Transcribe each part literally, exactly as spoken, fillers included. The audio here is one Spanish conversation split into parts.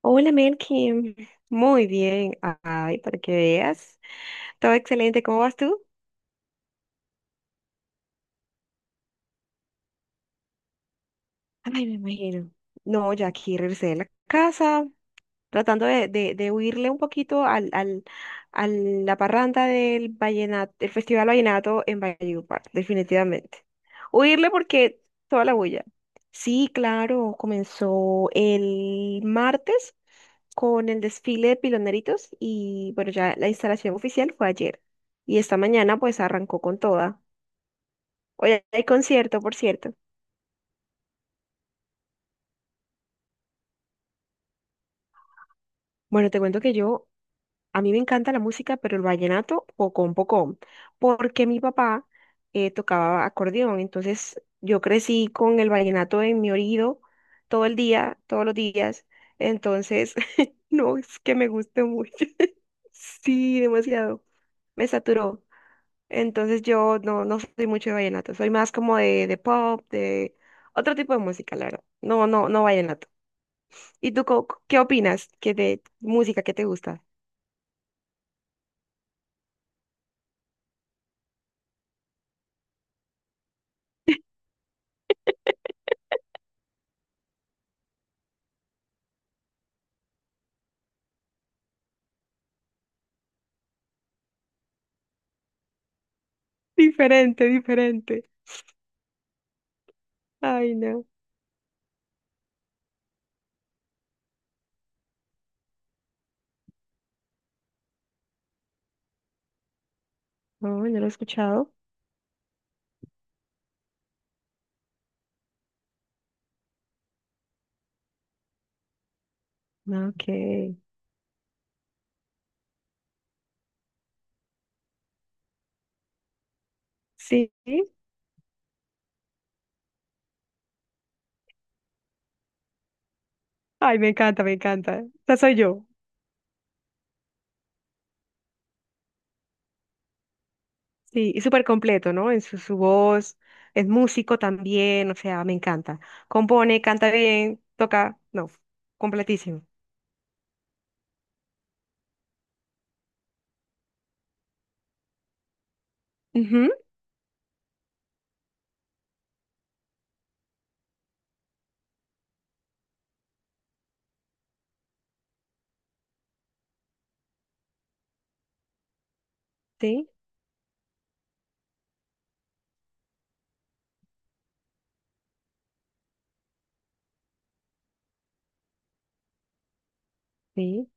Hola, Melkin. Muy bien. Ay, para que veas. Todo excelente. ¿Cómo vas tú? Ay, me imagino. No, ya aquí regresé de la casa, tratando de, de, de huirle un poquito al, al, a la parranda del vallenato, del Festival Vallenato en Valledupar, definitivamente. Huirle porque toda la bulla. Sí, claro, comenzó el martes con el desfile de piloneritos y bueno, ya la instalación oficial fue ayer y esta mañana pues arrancó con toda. Hoy hay concierto, por cierto. Bueno, te cuento que yo, a mí me encanta la música, pero el vallenato, pocón, pocón, porque mi papá eh, tocaba acordeón, entonces yo crecí con el vallenato en mi oído todo el día, todos los días, entonces no es que me guste mucho, sí, demasiado, me saturó. Entonces yo no, no soy mucho de vallenato, soy más como de, de pop, de otro tipo de música, la verdad. No, no, no vallenato. ¿Y tú co- qué opinas que de música que te gusta? Diferente, diferente. Ay, no. No, no lo he escuchado. No, ok. Sí. Ay, me encanta, me encanta. Esa soy yo. Sí, y súper completo, ¿no? En su, su voz, es músico también, o sea, me encanta. Compone, canta bien, toca, no, completísimo. Ujú. Sí, sí.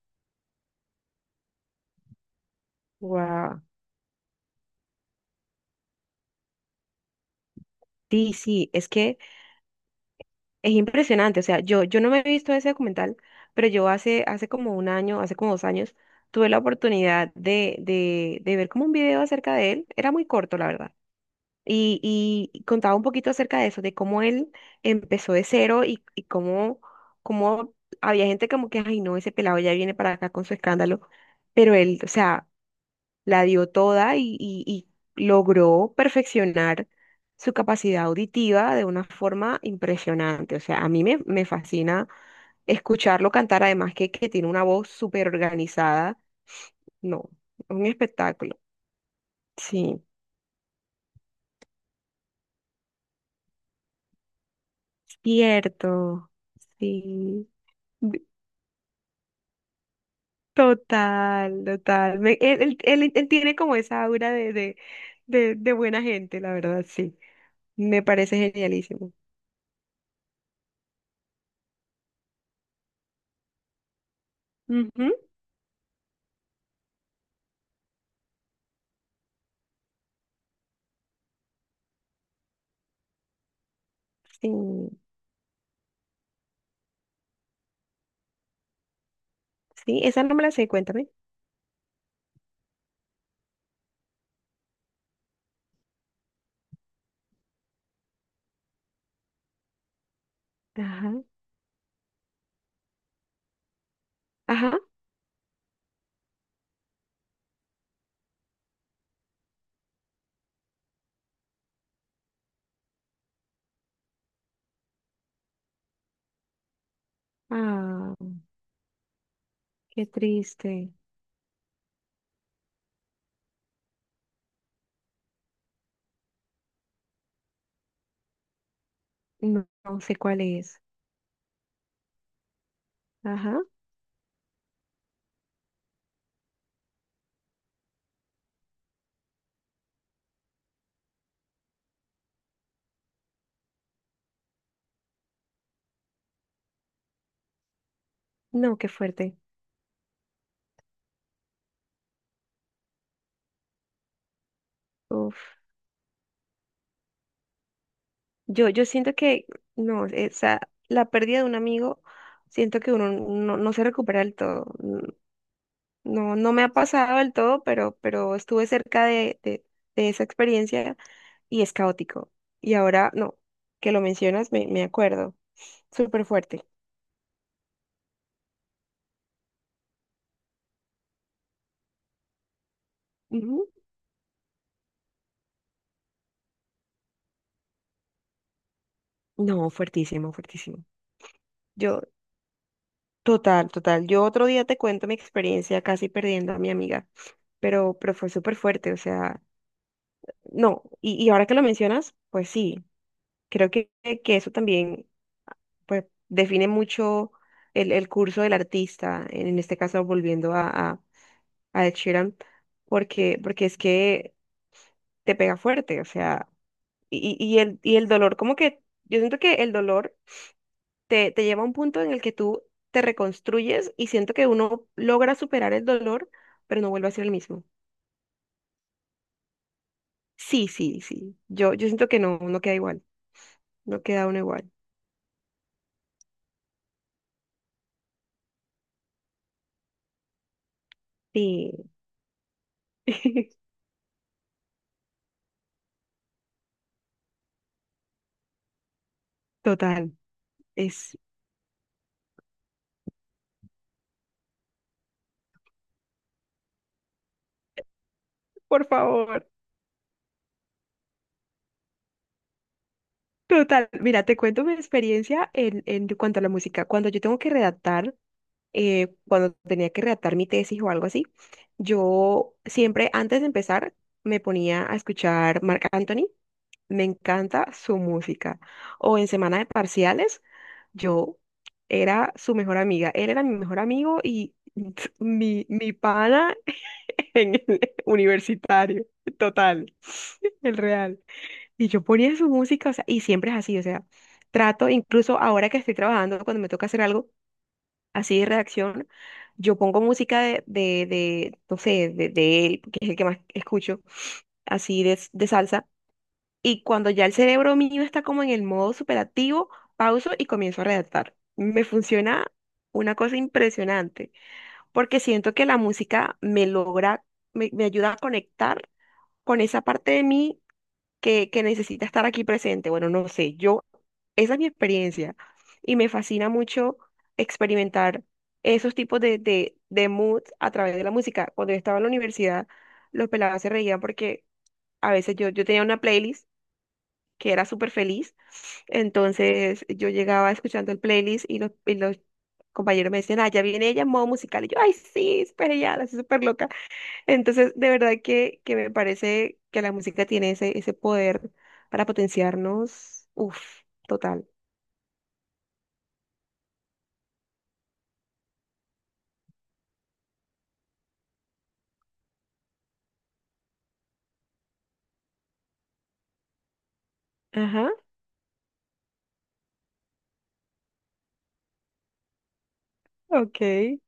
Wow. Sí, sí, es que es impresionante. O sea, yo, yo no me he visto ese documental, pero yo hace, hace como un año, hace como dos años, tuve la oportunidad de, de, de ver como un video acerca de él. Era muy corto, la verdad. Y, y contaba un poquito acerca de eso, de cómo él empezó de cero y, y cómo, cómo había gente como que, ay, no, ese pelado ya viene para acá con su escándalo. Pero él, o sea, la dio toda y, y- y logró perfeccionar su capacidad auditiva de una forma impresionante. O sea, a mí me, me fascina escucharlo cantar, además que, que tiene una voz súper organizada. No, un espectáculo. Sí, cierto. Sí, d- total, total. Me- él, él- él- él tiene como esa aura de, de, de, de buena gente, la verdad, sí. Me parece genialísimo. Ujú. Sí. Sí, esa no me la sé, cuéntame. Ajá, ajá. Ah, qué triste. No, no sé cuál es. Ajá. No, qué fuerte. Uf. Yo, yo siento que, no, esa, la pérdida de un amigo, siento que uno no, no se recupera del todo. N- No, no me ha pasado del todo, pero, pero estuve cerca de, de, de esa experiencia y es caótico. Y ahora, no, que lo mencionas, me, me acuerdo. Súper fuerte. Ujú. No, fuertísimo, fuertísimo. Yo, Total, total. Yo otro día te cuento mi experiencia casi perdiendo a mi amiga, pero, pero fue súper fuerte, o sea, no, y, y ahora que lo mencionas, pues sí, creo que, que eso también pues, define mucho el, el curso del artista, en este caso volviendo a, a, a Ed Sheeran, porque, porque es que te pega fuerte, o sea, y, y y el, y el dolor, como que yo siento que el dolor te, te lleva a un punto en el que tú te reconstruyes y siento que uno logra superar el dolor, pero no vuelve a ser el mismo. Sí, sí, sí. Yo, yo siento que no, no queda igual, no queda uno igual. Sí, total. Es, por favor, total. Mira, te cuento mi experiencia en, en cuanto a la música. Cuando yo tengo que redactar, eh, cuando tenía que redactar mi tesis o algo así, yo siempre antes de empezar me ponía a escuchar Marc Anthony. Me encanta su música. O en semana de parciales, yo era su mejor amiga. Él era mi mejor amigo y mi, mi pana en el universitario, total, el real. Y yo ponía su música, o sea, y siempre es así, o sea, trato, incluso ahora que estoy trabajando, cuando me toca hacer algo así de redacción, yo pongo música de, de, de, no sé, de, de él, que es el que más escucho, así de de salsa. Y cuando ya el cerebro mío está como en el modo superactivo, pauso y comienzo a redactar. Me funciona una cosa impresionante, porque siento que la música me logra, me, me ayuda a conectar con esa parte de mí que, que necesita estar aquí presente. Bueno, no sé, yo, esa es mi experiencia y me fascina mucho experimentar esos tipos de, de, de moods a través de la música. Cuando yo estaba en la universidad, los pelados se reían porque a veces yo, yo tenía una playlist que era súper feliz, entonces yo llegaba escuchando el playlist y los, y los, compañeros me decían, ah, ya viene ella en modo musical. Y yo, ay, sí, espere ya, la estoy súper loca. Entonces, de verdad que, que me parece que la música tiene ese, ese poder para potenciarnos. Uf, total. Ajá, ok.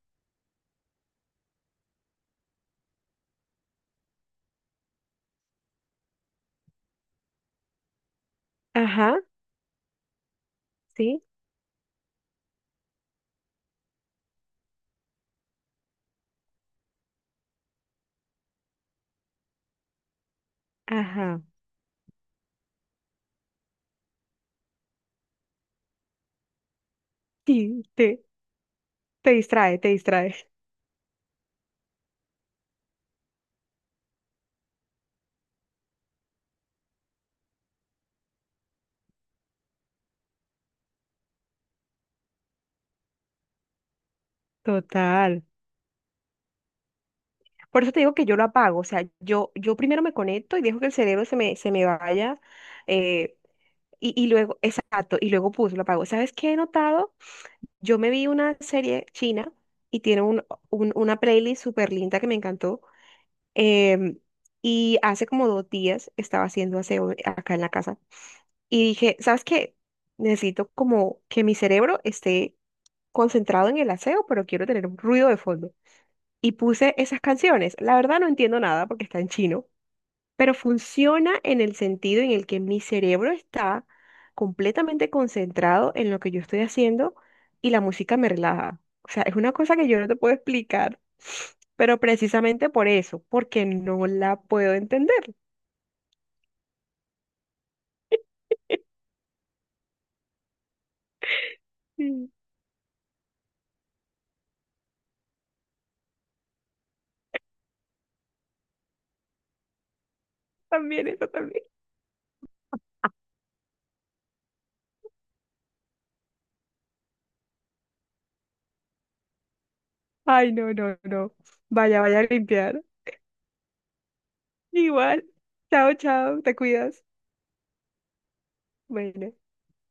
Ajá, sí, ajá. Sí, te, te distrae, te distrae. Total. Por eso te digo que yo lo apago. O sea, yo, yo primero me conecto y dejo que el cerebro se me, se me vaya. eh, Y, y luego, exacto, y luego puso, lo apagó. ¿Sabes qué he notado? Yo me vi una serie china y tiene un, un- una playlist súper linda que me encantó. em, y hace como dos días estaba haciendo aseo, eh, acá en la casa y dije, ¿sabes qué? Necesito como que mi cerebro esté concentrado en el aseo, pero quiero tener un ruido de fondo. Y puse esas canciones. La verdad no entiendo nada porque está en chino, pero funciona en el sentido en el que mi cerebro está completamente concentrado en lo que yo estoy haciendo y la música me relaja. O sea, es una cosa que yo no te puedo explicar, pero precisamente por eso, porque no la puedo entender. Sí, también, eso también. Ay, no, no, no. Vaya, vaya a limpiar. Igual. Chao, chao, te cuidas. Bueno.